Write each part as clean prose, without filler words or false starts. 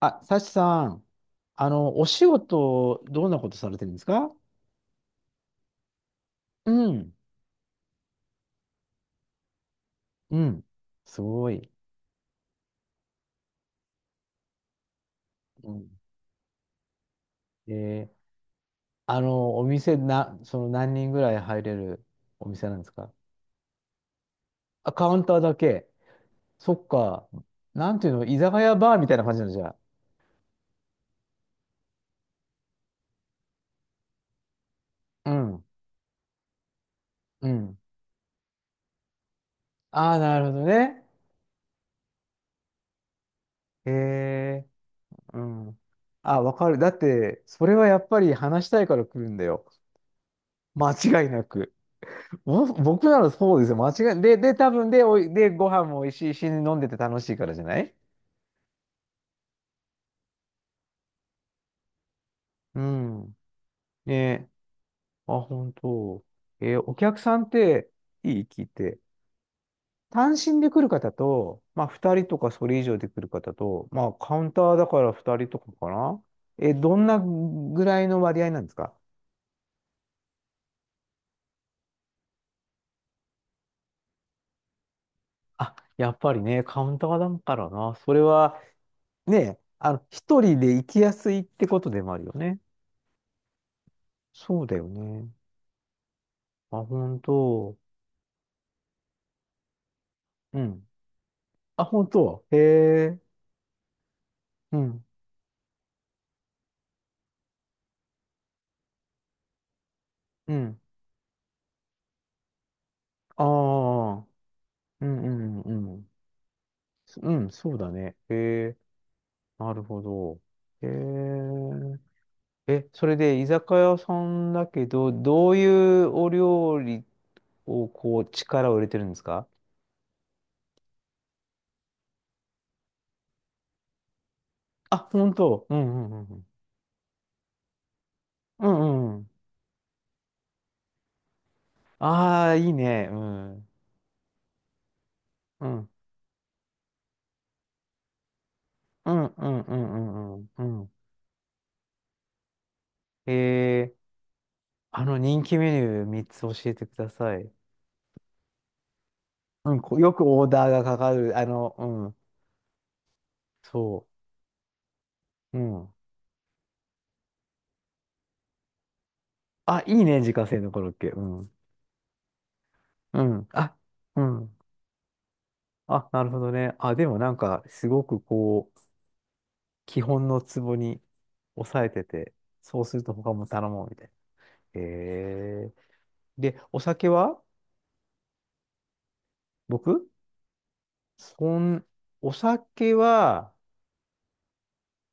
あ、サチさん、お仕事、どんなことされてるんですか？うん、うん、すごい。うん、えーお店な、その何人ぐらい入れるお店なんですか？あ、カウンターだけ。そっか。なんていうの、居酒屋バーみたいな感じなんじゃあ。うん、うん。ああ、なるほどね。へ、え、うん。あ、わかる。だって、それはやっぱり話したいから来るんだよ。間違いなく。僕ならそうですよ。間違い。で、多分で、で、ご飯も美味しいし、飲んでて楽しいからじゃない？うん。ねえ。あ、本当。お客さんって、いい聞いて。単身で来る方と、まあ、2人とかそれ以上で来る方と、まあ、カウンターだから2人とかかな。どんなぐらいの割合なんですか？あ、やっぱりね、カウンターだからな。それは、ね、一人で行きやすいってことでもあるよね。そうだよね。あ、本当。うん。あ、本当。へえ。うん。うん。ああ。うんうんうんうん。うん、そうだね。へえ。なるほど。へえ。え、それで居酒屋さんだけど、どういうお料理をこう力を入れてるんですか？あ、本当。うんうんうんうん。うんうん。ああ、いいね。うん。うん。うんうんうんうんうんうん。へえ。人気メニュー3つ教えてください。うん、こう、よくオーダーがかかる。うん。そう。うん。あ、いいね、自家製のコロッケ。うん。うん。あ、うん。あ、なるほどね。あ、でもなんか、すごくこう、基本のツボに抑えてて、そうすると他も頼もうみたいな。へえ。で、お酒は僕そん、お酒は、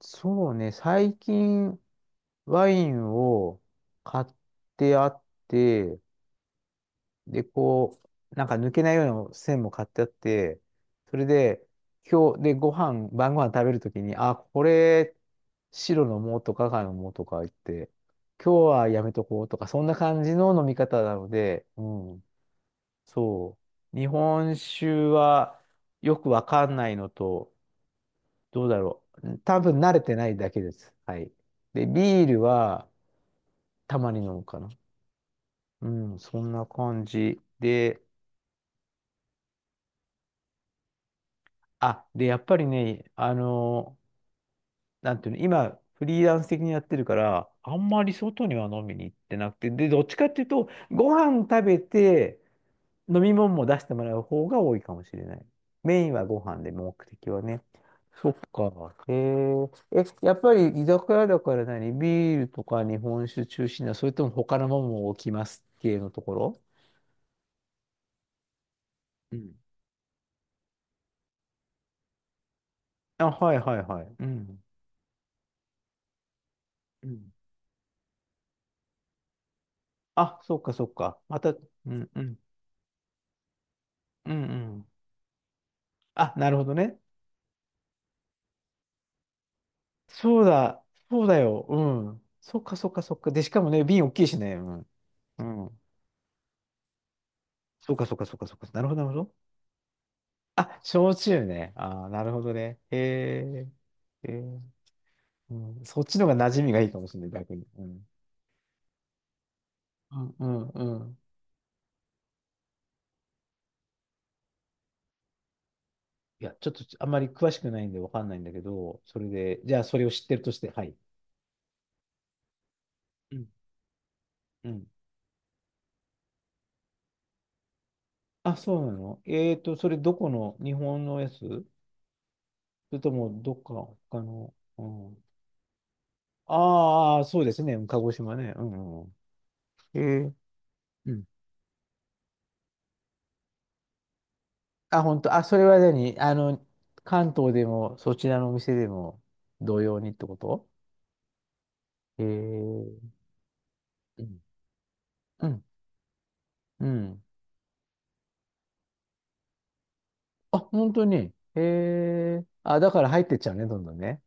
そうね、最近ワインを買ってあって、で、こう、なんか抜けないような線も買ってあって、それで、今日、で、ご飯、晩ご飯食べるときに、あ、これ、白の藻とか赤の藻とか言って、今日はやめとこうとか、そんな感じの飲み方なので、うん、そう。日本酒はよくわかんないのと、どうだろう。多分慣れてないだけです。はい。で、ビールはたまに飲むかな。うん、そんな感じで、あ、で、やっぱりね、なんていうの、今、フリーランス的にやってるから、あんまり外には飲みに行ってなくて、で、どっちかっていうと、ご飯食べて、飲み物も出してもらう方が多いかもしれない。メインはご飯で、目的はね。そっか。へえ。え、やっぱり居酒屋だから何ビールとか日本酒中心な、それとも他のものも置きます系のところ？うん。あ、はいはいはい。うん。うん。あ、そっかそっか。また、うんうん。うんうん。あ、なるほどね。そうだ、そうだよ。うん。そっかそっかそっか。で、しかもね、瓶大きいしね。うん。うん。そうかそっかそっかそっか。なるほど、なるほど。あ、焼酎ね。ああなるほどね。へえ。へーうん、そっちの方が馴染みがいいかもしれない、逆に。うん。うんうんうん。いや、ちょっとあんまり詳しくないんでわかんないんだけど、それで、じゃあそれを知ってるとして、はい。うんうん。あ、そうなの？それどこの、日本のやつそれともどっか他の、うん。ああ、そうですね。鹿児島ね。うんうんうん。えー、うん。あ、本当。あ、それは何関東でも、そちらのお店でも、同様にってこと？えー、うん。うん。うん。あ、本当に。あ、だから入ってっちゃうね、どんどんね。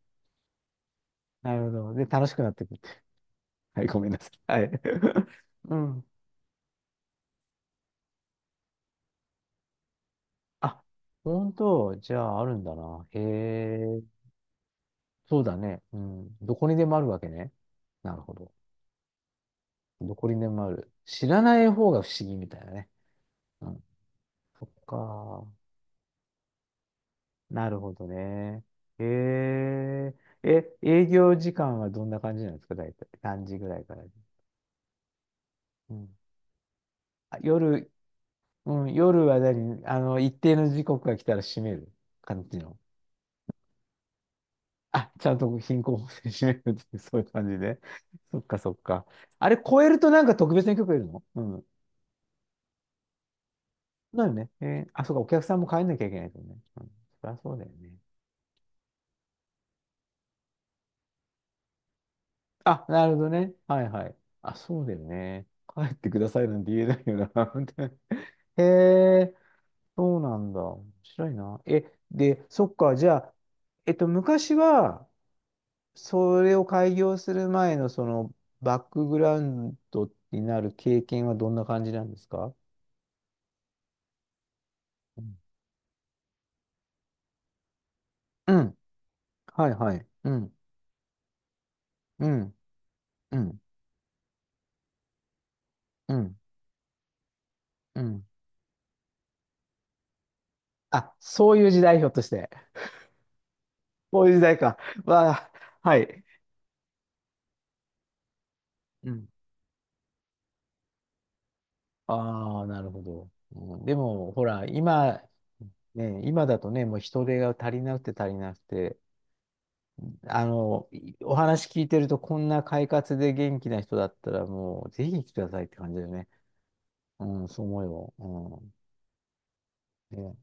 なるほど。で、楽しくなってくる。はい、ごめんなさい。はい。うん。あ、本当。じゃあ、あるんだな。へえそうだね。うん。どこにでもあるわけね。なるほど。どこにでもある。知らない方が不思議みたいなね。うん。そっか。なるほどね。えー、え、営業時間はどんな感じなんですか、大体。何時ぐらいからで。うん。あ、夜、うん、夜は何一定の時刻が来たら閉める感じの。あ、ちゃんと貧困法制閉めるっていう、そういう感じで。そっか、そっか。あれ、超えるとなんか特別な許可いるの？うん。なるね。あ、そうか、お客さんも帰んなきゃいけないとね。うん。そりゃそうだよね。あ、なるほどね。はいはい。あ、そうだよね。帰ってくださいなんて言えないよな。本当に。 へえ、そうなんだ。面白いな。え、で、そっか、じゃあ、昔は、それを開業する前の、その、バックグラウンドになる経験はどんな感じなんですか？うんうん。はいはい。うん。うん。うん。うん。うん。あ、そういう時代、ひょっとして。こういう時代か。わあ、はい。うんああ、なるほど。うんでも、ほら、今、ね、今だとね、もう人手が足りなくて足りなくて、お話聞いてると、こんな快活で元気な人だったら、もう、ぜひ来てくださいって感じだよね。うん、そう思うよ。うん。ね、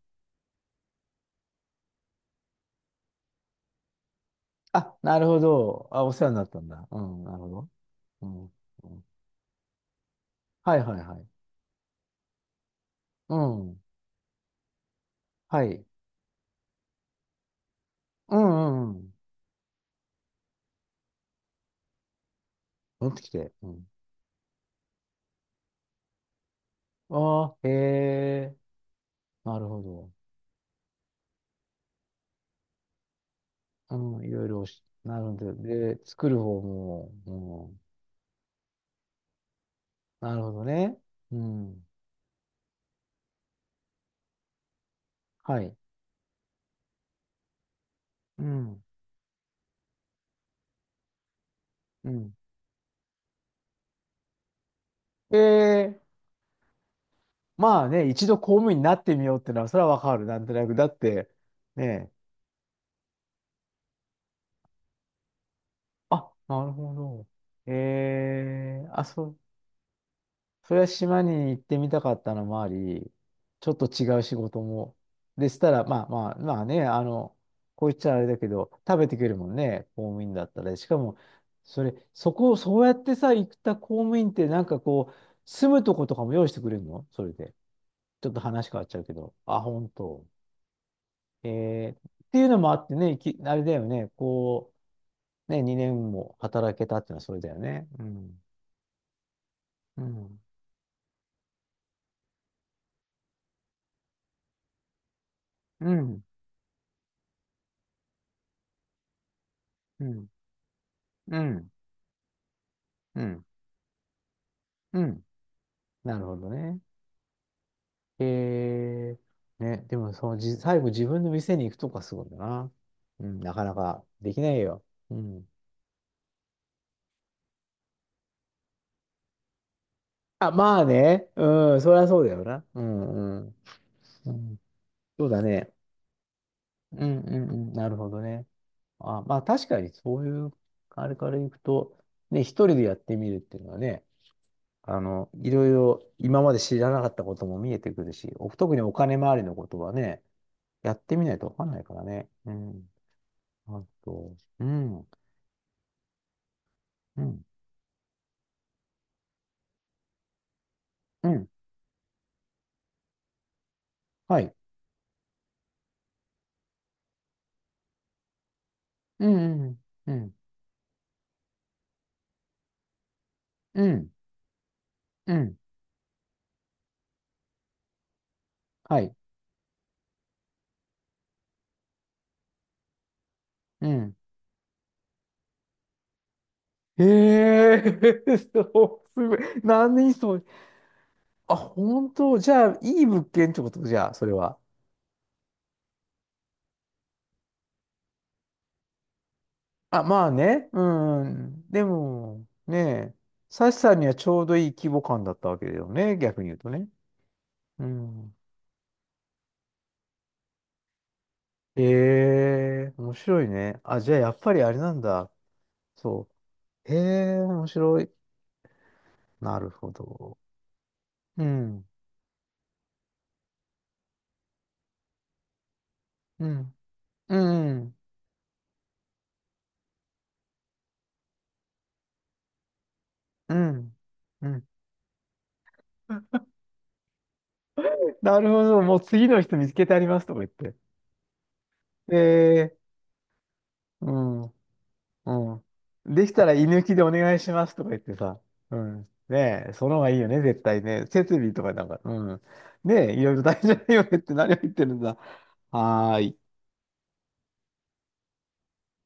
あ、なるほど。あ、お世話になったんだ。うん、なるほど。うん。うんはいはいはい。うん。はい。うんうんうん。戻ってきて。うん。ああ、へえ。なるほど。うん、いろいろしなるんで、で、作る方も、うん、なるほどね。うん。はい。うん。うん。で、まあね、一度公務員になってみようってのは、それはわかる。なんとなく。だって、ねえ。あ、なるほど。あ、そう、それは島に行ってみたかったのもあり、ちょっと違う仕事も。でしたら、まあまあ、まあね、こう言っちゃあれだけど、食べてくれるもんね、公務員だったら。しかも、それ、そこをそうやってさ、行った公務員って、なんかこう、住むとことかも用意してくれるの？それで。ちょっと話変わっちゃうけど。あ、本当。えっていうのもあってね、あれだよね、こう、ね、2年も働けたっていうのはそれだよね。うん。うん。うん。うん。うん。うん。うん。なるほどね。えね、でもそのじ、最後自分の店に行くとかすごいな。うん、なかなかできないよ。うん。あ、まあね。うん、そりゃそうだよな。うん、うん。うん、そうだね。うん、うん、うん。なるほどね。あ、まあ確かにそういう、あれから行くと、ね、一人でやってみるっていうのはね、いろいろ今まで知らなかったことも見えてくるし、特にお金回りのことはね、やってみないとわかんないからね。うん。あと、うん、うん、うん、はい、うん、うん、うん、うん、うんはい、うん。へえ。 そうすごい。何それ。あ、本当？じゃあ、いい物件ってことじゃあ、それは。あ、まあね。うん。うんでも、ねえ、サシさんにはちょうどいい規模感だったわけだよね。逆に言うとね。うん。へえ面白いね。あ、じゃあ、やっぱりあれなんだ。そう。へえ面白い。なるほど。うん。うん。うん。うん。うん。うんなるほど。もう次の人見つけてありますとか言って。でうん。うん。できたら居抜きでお願いしますとか言ってさ。うん。ねえ、その方がいいよね、絶対ね。設備とかなんか、うん。ねえ、いろいろ大事だよねって何を言ってるんだ。はーい。